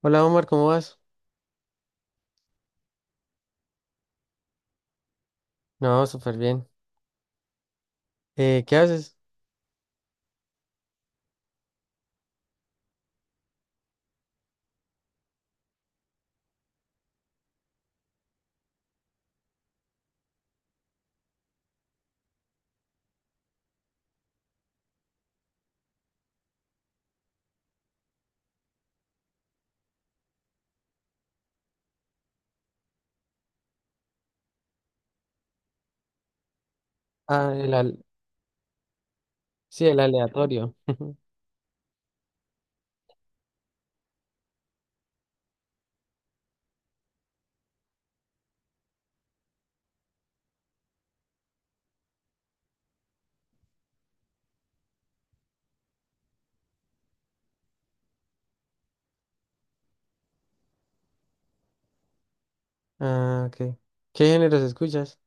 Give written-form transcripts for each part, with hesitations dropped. Hola Omar, ¿cómo vas? No, súper bien. ¿Qué haces? Ah, el al... sí, el aleatorio. Ah, ok. ¿Qué géneros escuchas?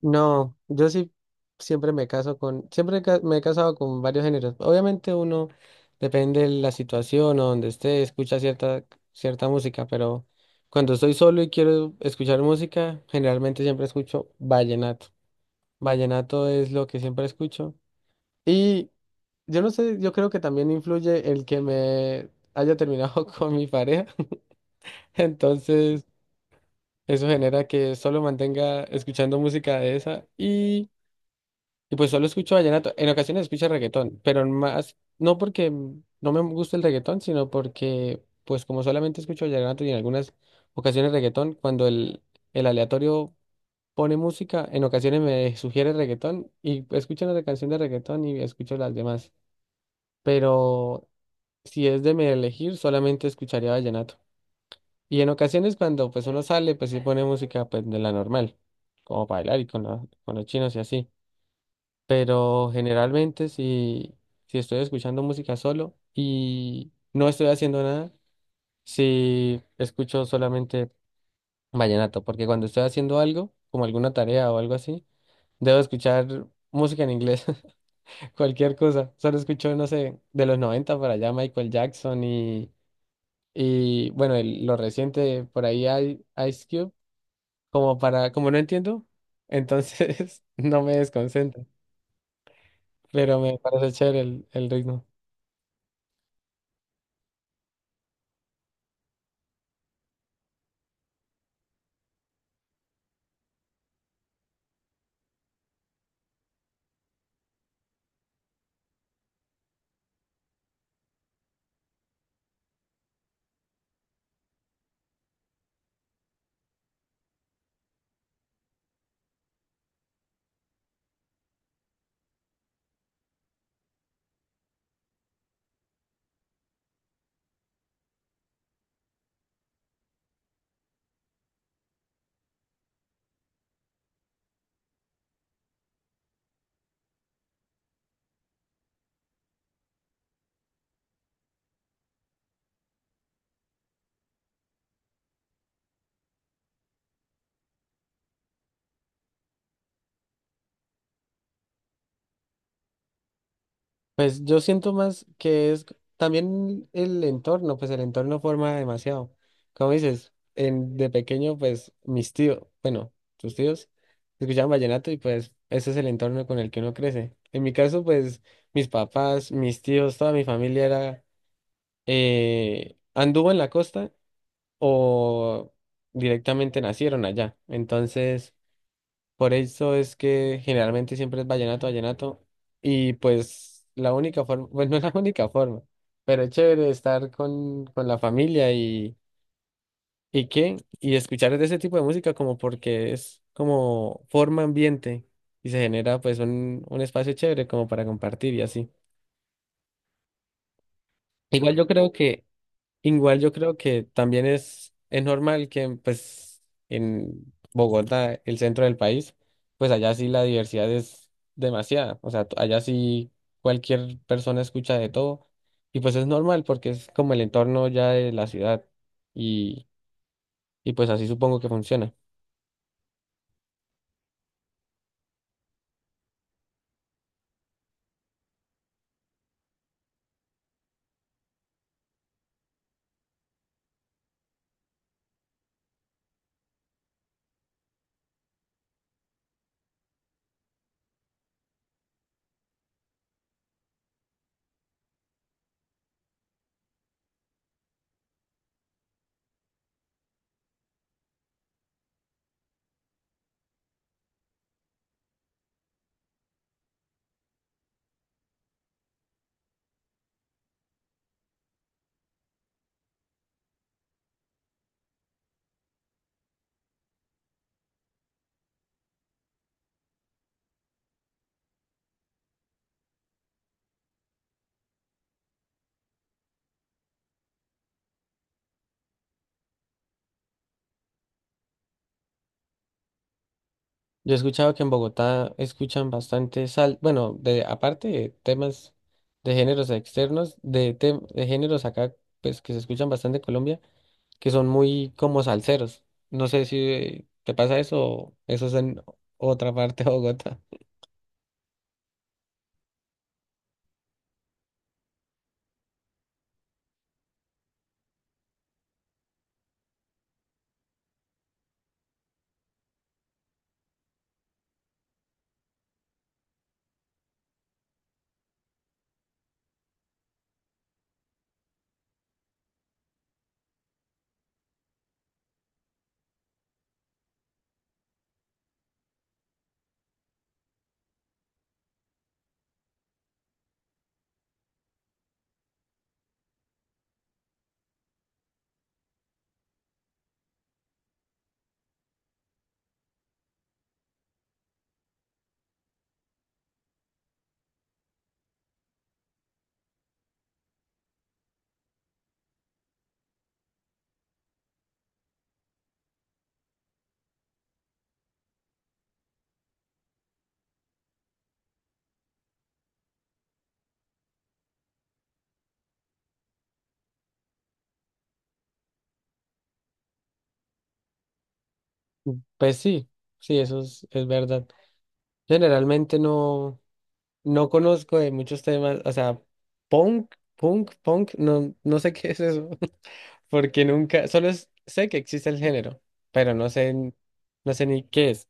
No, yo sí siempre me caso con, siempre ca- me he casado con varios géneros. Obviamente uno depende de la situación o donde esté, escucha cierta, cierta música, pero cuando estoy solo y quiero escuchar música, generalmente siempre escucho vallenato. Vallenato es lo que siempre escucho. Y yo no sé, yo creo que también influye el que me haya terminado con mi pareja. Entonces, eso genera que solo mantenga escuchando música de esa y pues solo escucho vallenato. En ocasiones escucho reggaetón, pero más, no porque no me gusta el reggaetón, sino porque pues como solamente escucho vallenato y en algunas ocasiones reggaetón, cuando el aleatorio pone música, en ocasiones me sugiere reggaetón y escucho una canción de reggaetón y escucho las demás. Pero si es de mi elegir, solamente escucharía vallenato. Y en ocasiones cuando pues uno sale, pues sí pone música pues de la normal, como para bailar y con, la- con los chinos y así. Pero generalmente si, si estoy escuchando música solo y no estoy haciendo nada, si escucho solamente vallenato, porque cuando estoy haciendo algo, como alguna tarea o algo así, debo escuchar música en inglés, cualquier cosa. Solo escucho, no sé, de los 90 para allá Michael Jackson. Y bueno, el- lo reciente por ahí hay Ice Cube, como para, como no entiendo, entonces no me desconcentro, pero me parece chévere el ritmo. Pues yo siento más que es c- también el entorno, pues el entorno forma demasiado. Como dices, en, de pequeño, pues mis tíos, bueno, tus tíos, escuchaban vallenato y pues ese es el entorno con el que uno crece. En mi caso, pues mis papás, mis tíos, toda mi familia era anduvo en la costa o directamente nacieron allá. Entonces, por eso es que generalmente siempre es vallenato, vallenato. Y pues la única forma, bueno, no es la única forma, pero es chévere estar con la familia y qué, y escuchar de ese tipo de música como porque es como forma ambiente y se genera pues un espacio chévere como para compartir y así. Igual yo creo que Igual yo creo que también es normal que pues en Bogotá, el centro del país, pues allá sí la diversidad es demasiada. O sea, t- allá sí cualquier persona escucha de todo. Y pues es normal porque es como el entorno ya de la ciudad. Y, y pues así supongo que funciona. Yo he escuchado que en Bogotá escuchan bastante sal, bueno, de aparte de temas de géneros externos, de, tem- de géneros acá, pues que se escuchan bastante en Colombia que son muy como salseros. No sé si te pasa eso o eso es en otra parte de Bogotá. Pues sí, sí, eso es verdad. Generalmente no, no conozco de muchos temas, o sea, punk, punk, punk, no, no sé qué es eso, porque nunca, solo es- sé que existe el género, pero no sé, n- no sé ni qué es.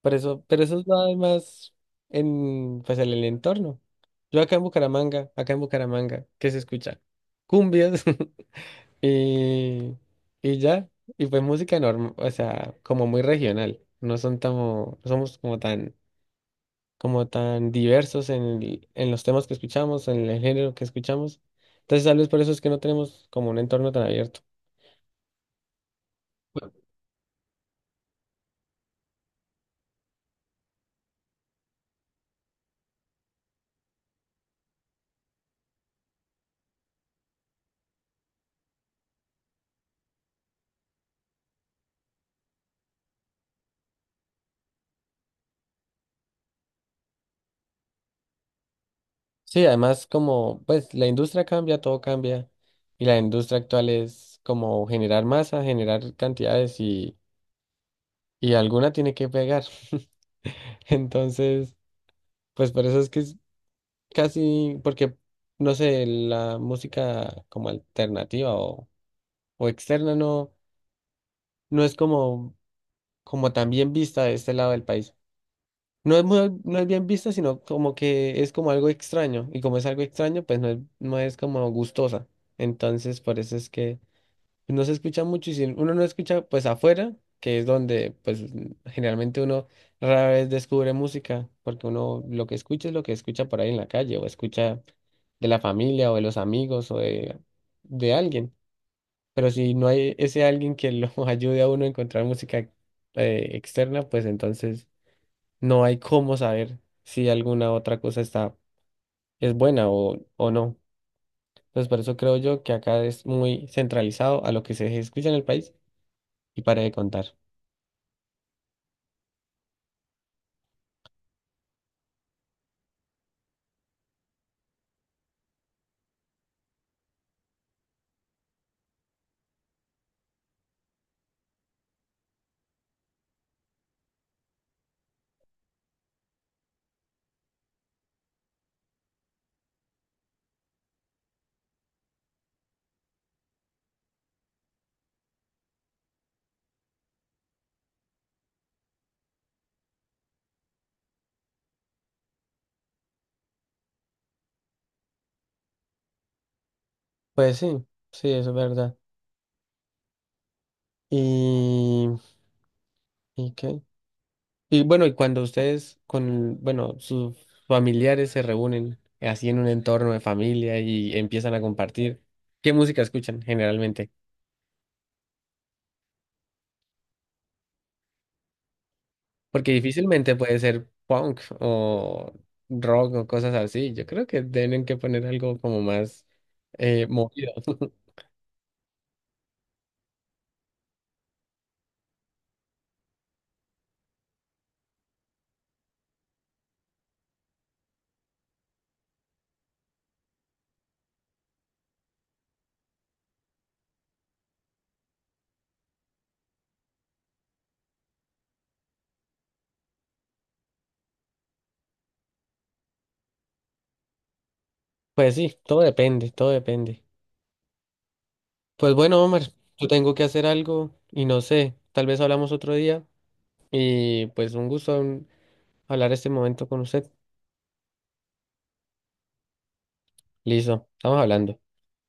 Por eso, pero eso es nada más en, pues, en el entorno. Yo acá en Bucaramanga, ¿qué se escucha? Cumbias. Y, y ya, y fue música normal, o sea, como muy regional. No son tan, no somos como tan diversos en, el- en los temas que escuchamos, en el género que escuchamos. Entonces, tal vez por eso es que no tenemos como un entorno tan abierto. Sí, además, como, pues, la industria cambia, todo cambia. Y la industria actual es como generar masa, generar cantidades y alguna tiene que pegar. Entonces, pues por eso es que casi porque, no sé, la música como alternativa o externa no, no es como, como tan bien vista de este lado del país. No es muy, no es bien vista, sino como que es como algo extraño. Y como es algo extraño, pues no es, no es como gustosa. Entonces, por eso es que no se escucha mucho y si uno no escucha pues afuera, que es donde pues generalmente uno rara vez descubre música, porque uno lo que escucha es lo que escucha por ahí en la calle o escucha de la familia o de los amigos o de alguien. Pero si no hay ese alguien que lo ayude a uno a encontrar música externa, pues entonces no hay cómo saber si alguna otra cosa está, es buena o no. Entonces por eso creo yo que acá es muy centralizado a lo que se escucha en el país y para de contar. Pues sí, sí, eso es verdad. Y, ¿Y qué? Y bueno, y cuando ustedes con, bueno, sus familiares se reúnen así en un entorno de familia y empiezan a compartir, ¿qué música escuchan generalmente? Porque difícilmente puede ser punk o rock o cosas así. Yo creo que tienen que poner algo como más movido. Pues sí, todo depende, todo depende. Pues bueno, Omar, yo tengo que hacer algo y no sé, tal vez hablamos otro día. Y pues un gusto hablar este momento con usted. Listo, estamos hablando.